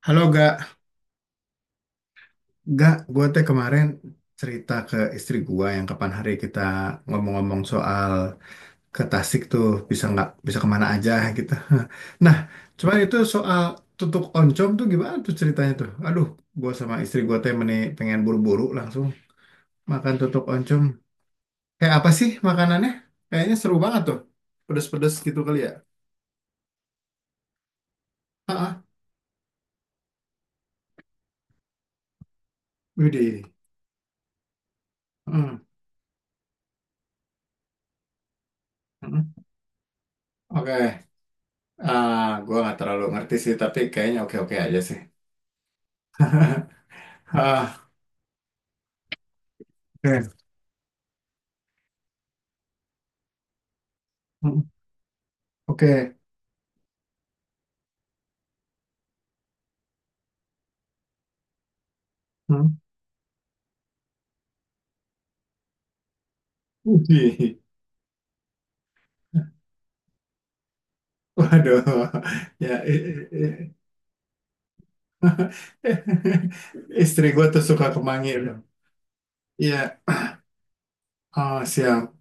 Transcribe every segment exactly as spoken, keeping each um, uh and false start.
Halo gak, gak, gue teh kemarin cerita ke istri gua yang kapan hari kita ngomong-ngomong soal ke Tasik tuh bisa nggak bisa kemana aja gitu. Nah, cuman itu soal tutuk oncom tuh gimana tuh ceritanya tuh? Aduh, gua sama istri gua teh meni pengen buru-buru langsung makan tutuk oncom. Kayak apa sih makanannya? Kayaknya seru banget tuh, pedes-pedes gitu kali ya. Ah, widih. Hmm, hmm. Oke, ah, gua nggak terlalu ngerti sih, tapi kayaknya oke-oke aja sih. Ah, oke. Hmm, oke. Hmm. Wih. Waduh. Ya, i- i- i- istri gue tuh suka kemangi loh. Iya, oh, siap.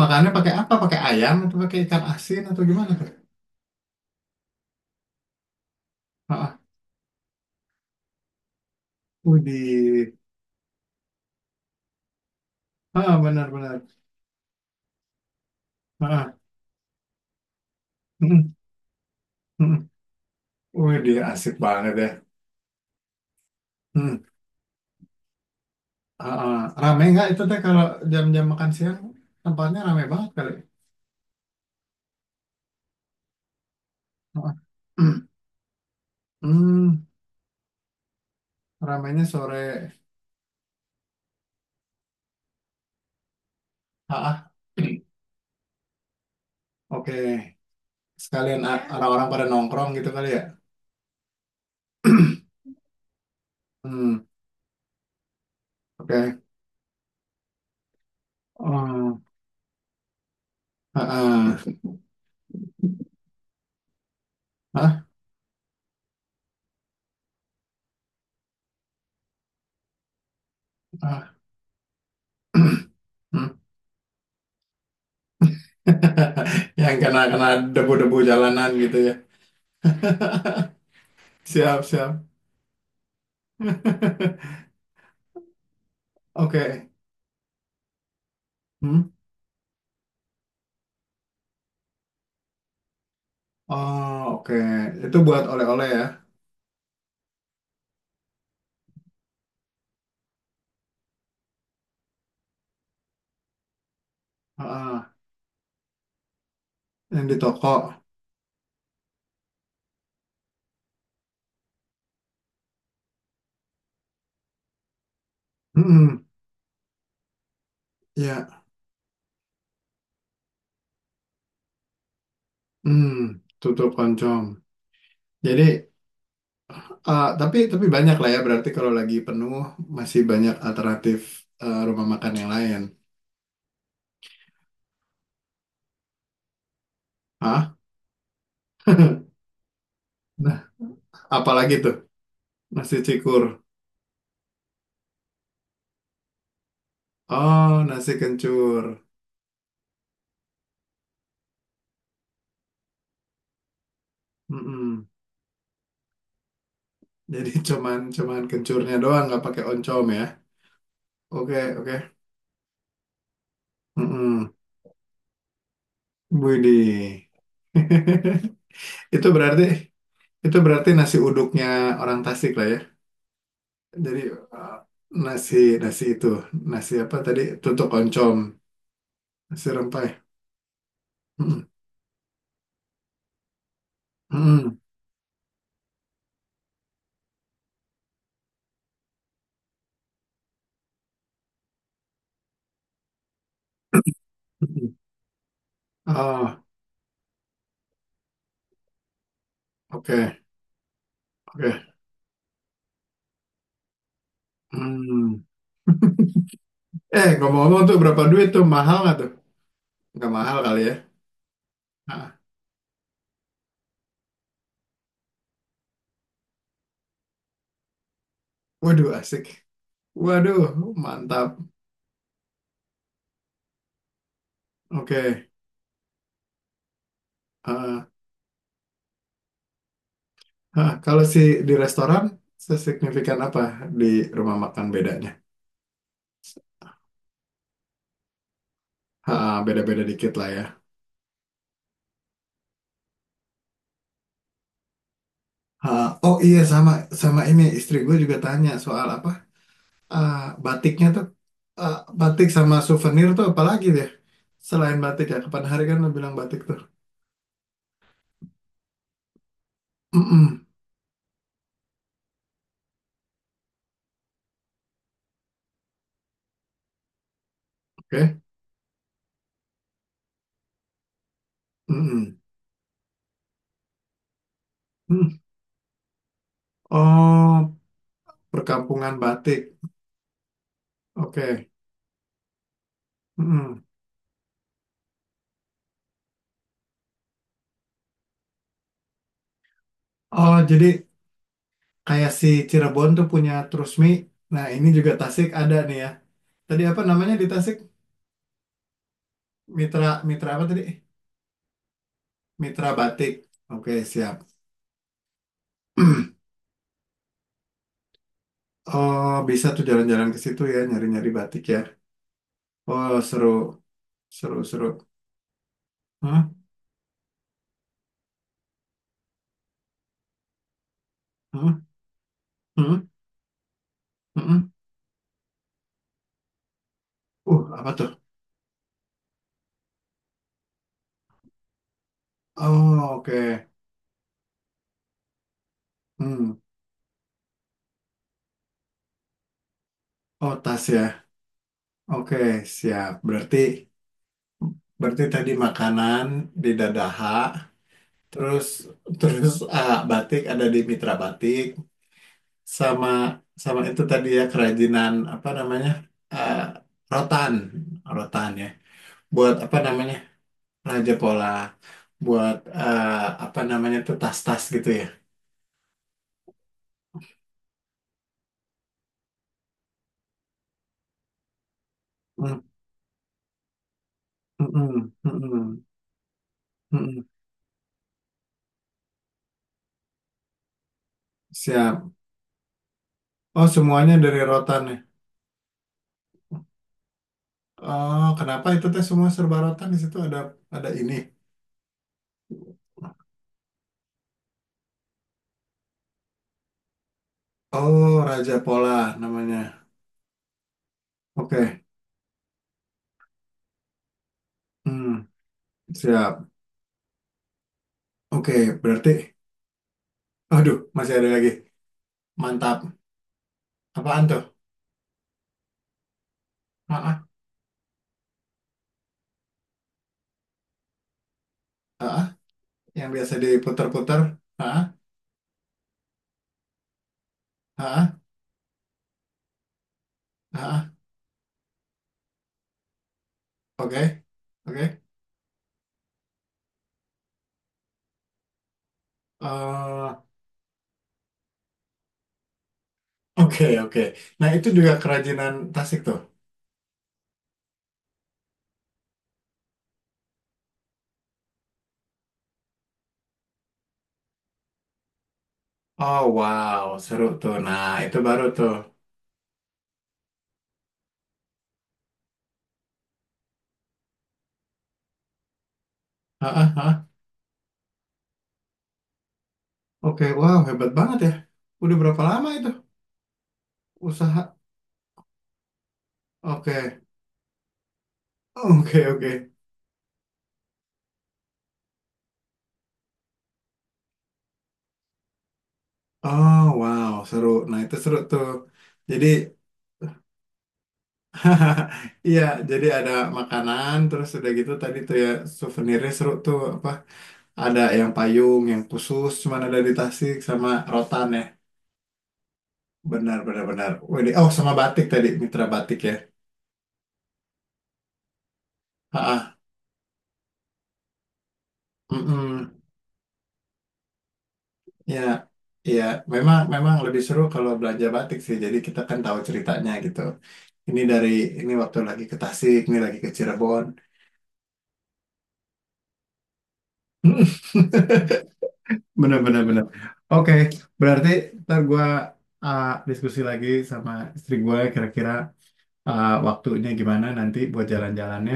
Makannya pakai apa? Pakai ayam atau pakai ikan asin atau gimana tuh? Ah, wih. Ah, benar-benar. Ah, hmm, hmm. Widih, asik banget ya. Hmm. Ah, ah. Rame nggak itu teh kalau jam-jam makan siang tempatnya rame banget kali. Ah, ah. Hmm, ramainya sore. Ah, oke. Sekalian ah, ya, orang-orang pada nongkrong gitu kali ya. Hmm, oke. Hmm, ah, ah. Hah? Ah, hmm. Yang kena kena debu-debu jalanan gitu ya. Siap, siap. Oke. Hmm. Oh, oke. Itu buat oleh-oleh ya. Ah, ah. Yang di toko. Hmm. Ya. Hmm. Tutup oncom. Jadi ah, tapi tapi banyak lah ya berarti kalau lagi penuh masih banyak alternatif eh, rumah makan yang lain. Hah? Nah, apalagi tuh nasi cikur. Oh, nasi kencur. Mm-mm. Jadi cuman cuman kencurnya doang nggak pakai oncom ya. Oke oke. Mm-mm. Widih. Itu berarti itu berarti nasi uduknya orang Tasik lah ya. Jadi eh, nasi nasi itu nasi apa tadi tutuk oncom nasi rempai. Mm-mm. Mm-mm. Mm-hmm. Ah, oke, oke. Hmm. Eh, ngomong-ngomong tuh berapa duit tuh? Mahal nggak tuh? Nggak mahal kali ya? Ah, waduh, asik. Waduh, mantap. Oke. Ah, ah, kalau si di restoran, sesignifikan apa di rumah makan bedanya? Ah, beda-beda dikit lah ya. Ah, oh iya, sama sama ini istri gue juga tanya soal apa? Ah, batiknya tuh, ah, batik sama souvenir tuh apalagi deh? Selain batik ya, kapan hari kan lo bilang batik tuh. Mm-mm. Oke. Mm-mm. Mm. Oh, perkampungan batik. Oke. Mm-mm. Oh, jadi kayak si Cirebon tuh punya Trusmi. Nah, ini juga Tasik ada nih ya. Tadi apa namanya di Tasik? Mitra Mitra apa tadi? Mitra batik. Oke, siap. Oh, bisa tuh jalan-jalan ke situ ya, nyari-nyari batik ya. Oh, seru, seru, seru. Hah? Hah? Hah? Hah? Uh, apa tuh? Oh, oke. Hmm. Oh, tas ya. Oke, siap. Berarti. Berarti tadi makanan di Dadaha, terus terus ah, batik ada di Mitra Batik, sama sama itu tadi ya kerajinan apa namanya ah, rotan, rotan ya. Buat apa namanya raja pola, buat ah, apa namanya tuh tas-tas gitu ya. Mm, mm-mm, mm-mm, mm-mm. Siap. Oh semuanya dari rotan ya. Oh kenapa itu teh semua serba rotan di situ ada ada ini. Oh raja pola namanya. Oke. Hmm, siap. Oke, berarti, aduh, masih ada lagi. Mantap. Apaan tuh? Ah, ah, ah, ah. Yang biasa diputar-putar. Ah, ah, ah, ah, ah, ah. Oke, oke. Eh, oke, oke. Nah, itu juga kerajinan Tasik tuh. Oh, wow, seru tuh. Nah, itu baru tuh. Ah, ah, ah. Oke, wow, hebat banget ya. Udah berapa lama itu usaha? Oke, oke, oke. Oh, wow, seru. Nah, itu seru tuh. Jadi iya, jadi ada makanan, terus udah gitu tadi tuh ya souvenirnya seru tuh apa? Ada yang payung, yang khusus, cuman ada di Tasik sama rotan ya. Benar, benar, benar. Widih, oh, sama batik tadi, mitra batik ya. Ah, mm ya, ya, memang, memang lebih seru kalau belanja batik sih. Jadi kita kan tahu ceritanya gitu. Ini dari ini waktu lagi ke Tasik, ini lagi ke Cirebon. Bener, bener, bener. Oke, berarti ntar gue diskusi lagi sama istri gue kira-kira uh, waktunya gimana nanti buat jalan-jalannya.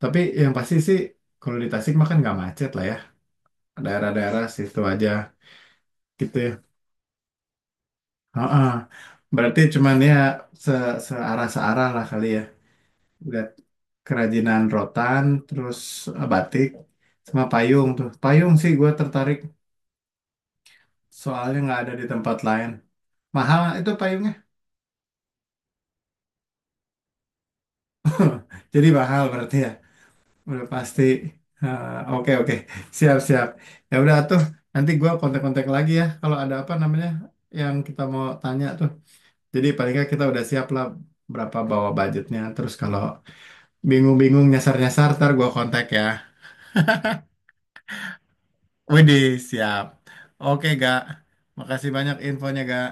Tapi yang pasti sih kalau di Tasik mah kan nggak macet lah ya. Daerah-daerah situ aja gitu ya. Heeh. Berarti cuman ya se searah searah lah kali ya. Lihat kerajinan rotan, terus uh, batik, sama payung tuh. Payung sih gue tertarik soalnya nggak ada di tempat lain. Mahal itu payungnya. Jadi mahal berarti ya. Udah pasti. Ah, oke oke. Siap siap. Ya udah tuh. Nanti gua kontak-kontak lagi ya. Kalau ada apa namanya yang kita mau tanya tuh. Jadi paling nggak kita udah siap lah berapa bawa budgetnya. Terus kalau bingung-bingung nyasar-nyasar, ntar gua kontak ya. Widih siap. Oke gak. Makasih banyak infonya gak.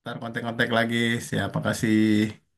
Ntar kontak-kontak lagi. Siap. Makasih.